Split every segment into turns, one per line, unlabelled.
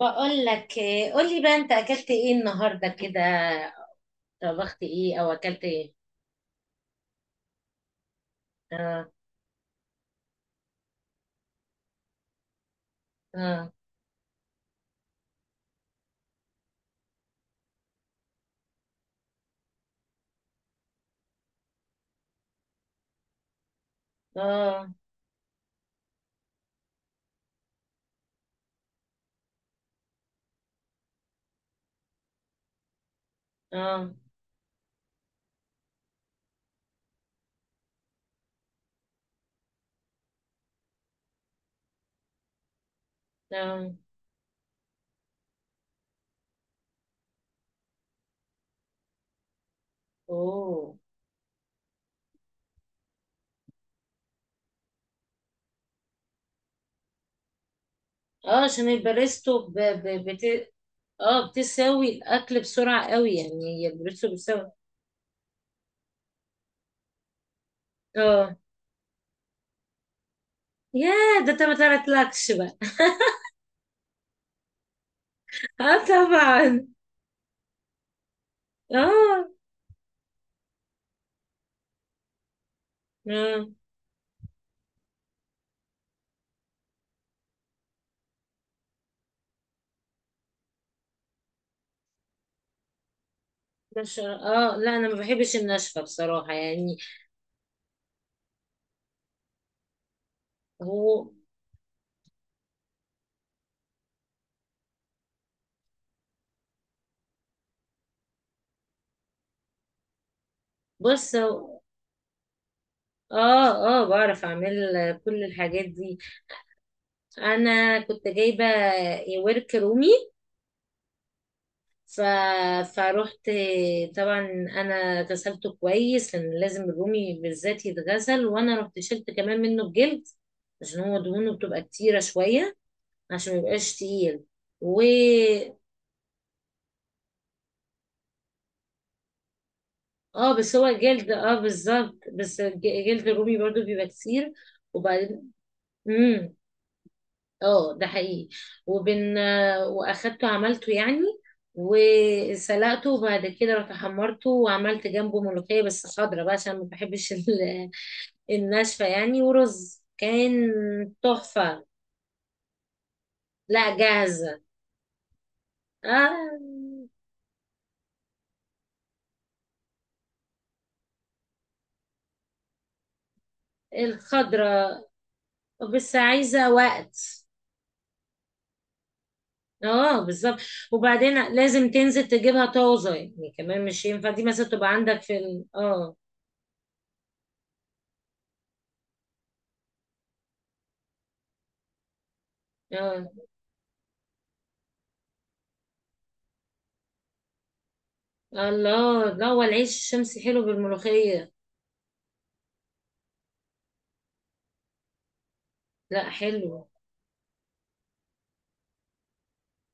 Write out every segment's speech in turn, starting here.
بقول لك إيه، قول لي بقى انت اكلت ايه النهارده كده. طبخت ايه او اكلت ايه؟ اه. اه. اه. اه. اه. اوه. اه، عشان الباريستو اه، بتساوي الاكل بسرعه قوي، يعني هي الباريستو بتساوي. اه. يا، ده انت ما طلعتلكش بقى؟ اه طبعا. اه. اه مش اه، لا انا ما بحبش الناشفه بصراحه يعني. هو. بص. اه. اه، بعرف اعمل كل الحاجات دي. انا كنت جايبه ورك رومي. ف... فروحت طبعا، انا غسلته كويس لان لازم الرومي بالذات يتغسل، وانا رحت شلت كمان منه الجلد عشان هو دهونه بتبقى كتيره شويه، عشان ما يبقاش تقيل. و... اه بس هو جلد، اه بالظبط، بس جلد الرومي برضو بيبقى كتير. وبعدين مم. اه ده حقيقي. وبن، واخدته عملته يعني، وسلقته، وبعد كده رحت حمرته، وعملت جنبه ملوخية بس خضرة بقى عشان ما بحبش الناشفة يعني، ورز كان تحفة. لا جاهزة. آه الخضرة. بس عايزة وقت. اه بالظبط. وبعدين لازم تنزل تجيبها طازة يعني، كمان مش ينفع دي مثلا تبقى عندك في اه. اه. آه، الله، لا هو العيش الشمسي حلو بالملوخية. لا حلو.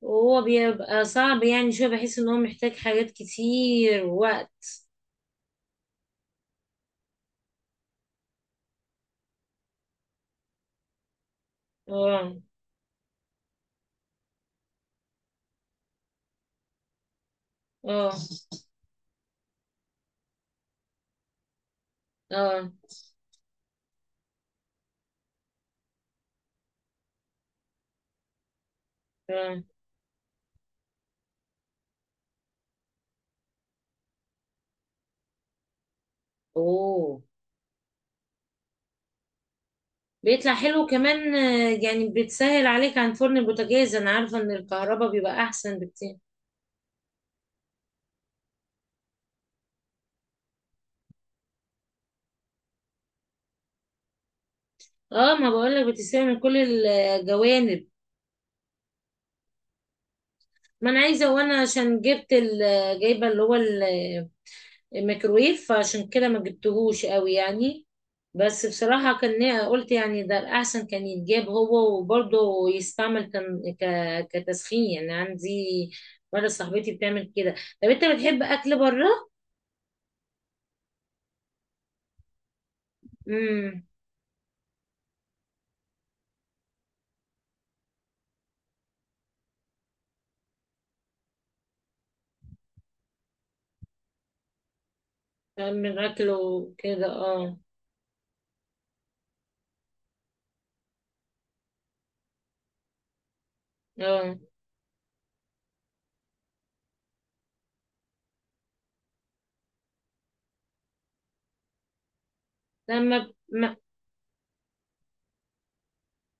وهو بيبقى صعب يعني، شوية بحس ان هو محتاج حاجات كتير وقت. اه. اه. اه. اه. اوه. بيطلع حلو كمان آه، يعني بتسهل عليك عن فرن البوتاجاز. انا عارفة ان الكهرباء بيبقى احسن بكتير. اه، ما بقولك بتسهل من كل الجوانب. ما انا عايزة، وانا عشان جبت جايبة اللي هو ميكروويف، فعشان كده ما جبتهوش قوي يعني. بس بصراحة كان قلت يعني ده الأحسن، كان يتجاب هو وبرضه يستعمل كان كتسخين يعني عندي. مرة صاحبتي بتعمل كده. طب أنت بتحب أكل بره؟ امم. من أكله كده اه. اه. لما ما.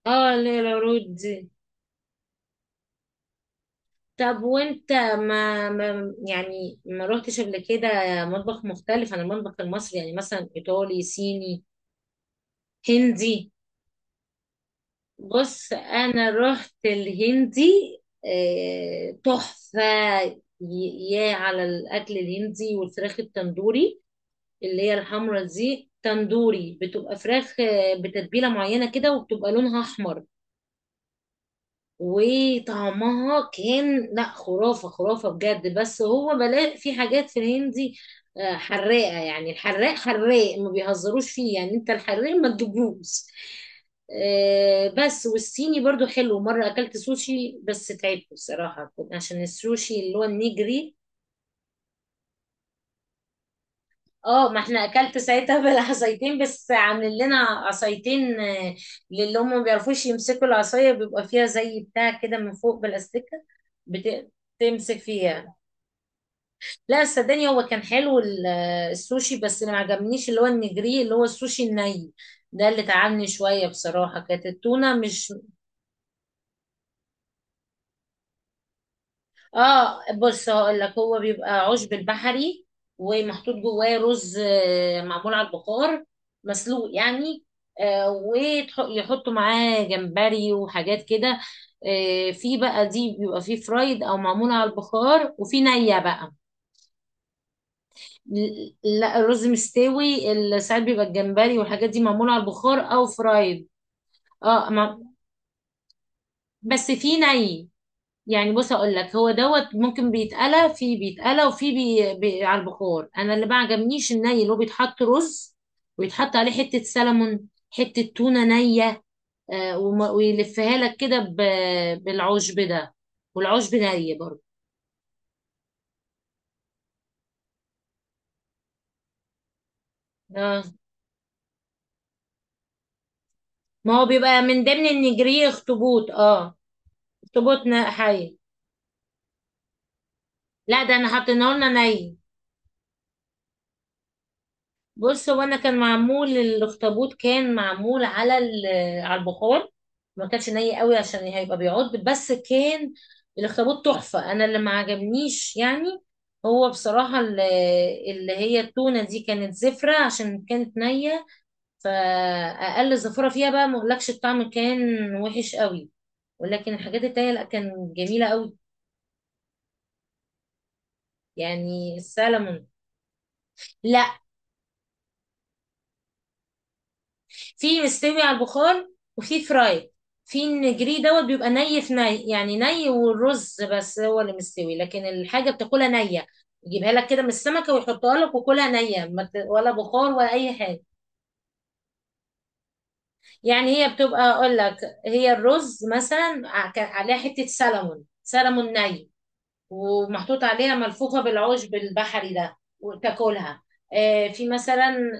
اه، اللي هي العروض دي. طب وانت ما يعني ما روحتش قبل كده مطبخ مختلف عن المطبخ المصري يعني؟ مثلا ايطالي، صيني، هندي. بص انا رحت الهندي. آه، تحفة. يا على الاكل الهندي والفراخ التندوري، اللي هي الحمرا دي تندوري. بتبقى فراخ آه، بتتبيلة معينة كده، وبتبقى لونها احمر. وطعمها كان، لا، خرافة خرافة بجد. بس هو بلاقي في حاجات في الهندي آه، حراقة يعني. الحراق حراق ما بيهزروش فيه يعني، انت الحراق ما تجيبوش آه. بس والصيني برضو حلو. مرة أكلت سوشي بس تعبت بصراحة، عشان السوشي اللي هو النيجري. اه ما احنا اكلت ساعتها بالعصايتين، بس عاملين لنا عصايتين آه، للي هم ما بيعرفوش يمسكوا العصايه بيبقى فيها زي بتاع كده من فوق بالاستيكه. بت- تمسك فيها. لا صدقني هو كان حلو آه، السوشي. بس اللي ما عجبنيش اللي هو النجري، اللي هو السوشي الني، ده اللي تعبني شويه بصراحه. كانت التونه مش. اه بص هقول لك، هو بيبقى عشب البحري، ومحطوط جواه رز آه، معمول على البخار، مسلوق يعني. آه، ويحطوا معاه جمبري وحاجات كده. آه، في بقى دي بيبقى فيه فرايد او معمول على البخار، وفي نية بقى. لا الرز مستوي، ساعات بيبقى الجمبري والحاجات دي معمولة على البخار او فرايد. اه بس في ني يعني. بص اقول لك، هو دوت ممكن بيتقلى، في بيتقلى، وفي على البخار. انا اللي ما عجبنيش الني، اللي هو بيتحط رز ويتحط عليه حته سلمون حته تونه نيه، آه ويلفها لك كده ب... بالعشب ده، والعشب ني برضه. آه. ما هو بيبقى من ضمن النجريه اخطبوط، اه. اخطبوط حي. لا ده انا حاطينه لنا ني. بص هو انا كان معمول الاخطبوط، كان معمول على على البخار، ما كانش ني قوي، عشان هيبقى بيعض. بس كان الاخطبوط تحفة. انا اللي ما عجبنيش يعني، هو بصراحة اللي هي التونة دي كانت زفرة عشان كانت نية، فأقل زفرة فيها بقى، ما اقولكش الطعم كان وحش قوي. ولكن الحاجات التانية لا، كان جميلة قوي، يعني السلمون. لا. في مستوي على البخار، وفي فراي. في النجري دوت بيبقى ني، في ني يعني، ني والرز بس هو اللي مستوي، لكن الحاجة بتاكلها نية. يجيبها لك كده من السمكة ويحطها لك، وكلها نية، ما ت- ولا بخار ولا أي حاجة. يعني هي بتبقى، أقول لك، هي الرز مثلا كان عليها حتة سلمون، سلمون ني، ومحطوط عليها ملفوفة بالعشب البحري ده، وتاكلها. آه، في مثلا.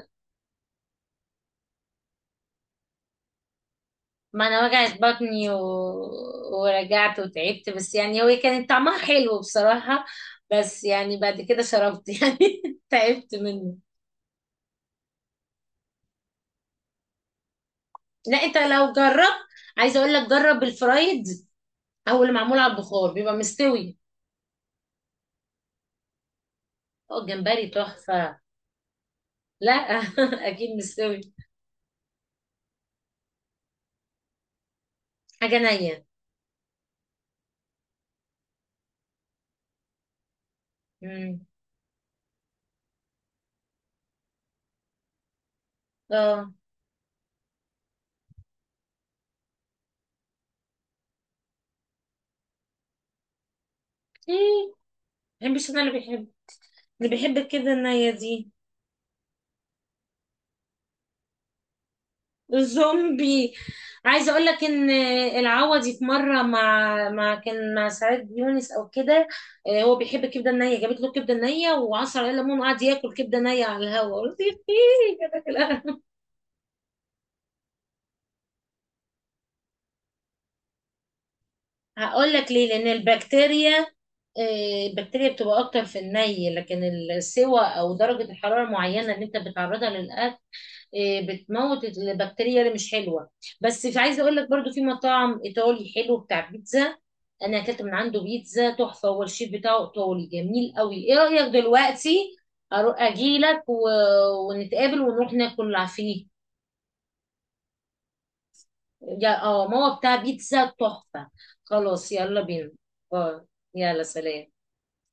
ما انا وجعت بطني ورجعت وتعبت، بس يعني هو كانت طعمها حلو بصراحة. بس يعني بعد كده شربت يعني تعبت منه. لا انت لو جربت، عايزة اقول لك، جرب الفرايد او اللي معمول على البخار بيبقى مستوي. اه الجمبري تحفة. لا اكيد مستوي. حاجة نية. مم. اه. ايه، ما بحبش. انا اللي بيحب، اللي بيحب كده النية دي. زومبي. عايزه اقول لك ان العوضي في مره، مع كان مع سعاد يونس او كده، آه، هو بيحب الكبده النيه، جابت له كبده نيه وعصر عليه ليمون، وقعد ياكل كبده نيه على الهواء. قلت ايه كده في القهوة. هقول لك ليه، لان البكتيريا آه، البكتيريا بتبقى اكتر في الني، لكن السوى او درجه الحراره معينه اللي انت بتعرضها للاكل إيه، بتموت البكتيريا اللي مش حلوه. بس في، عايزه اقول لك برضو، في مطعم ايطالي حلو بتاع بيتزا، انا اكلت من عنده بيتزا تحفه. هو الشيف بتاعه ايطالي جميل قوي. ايه رايك دلوقتي اجي لك ونتقابل ونروح ناكل فيه؟ اه ما هو بتاع بيتزا تحفه. خلاص يلا بينا. آه، يلا سلام.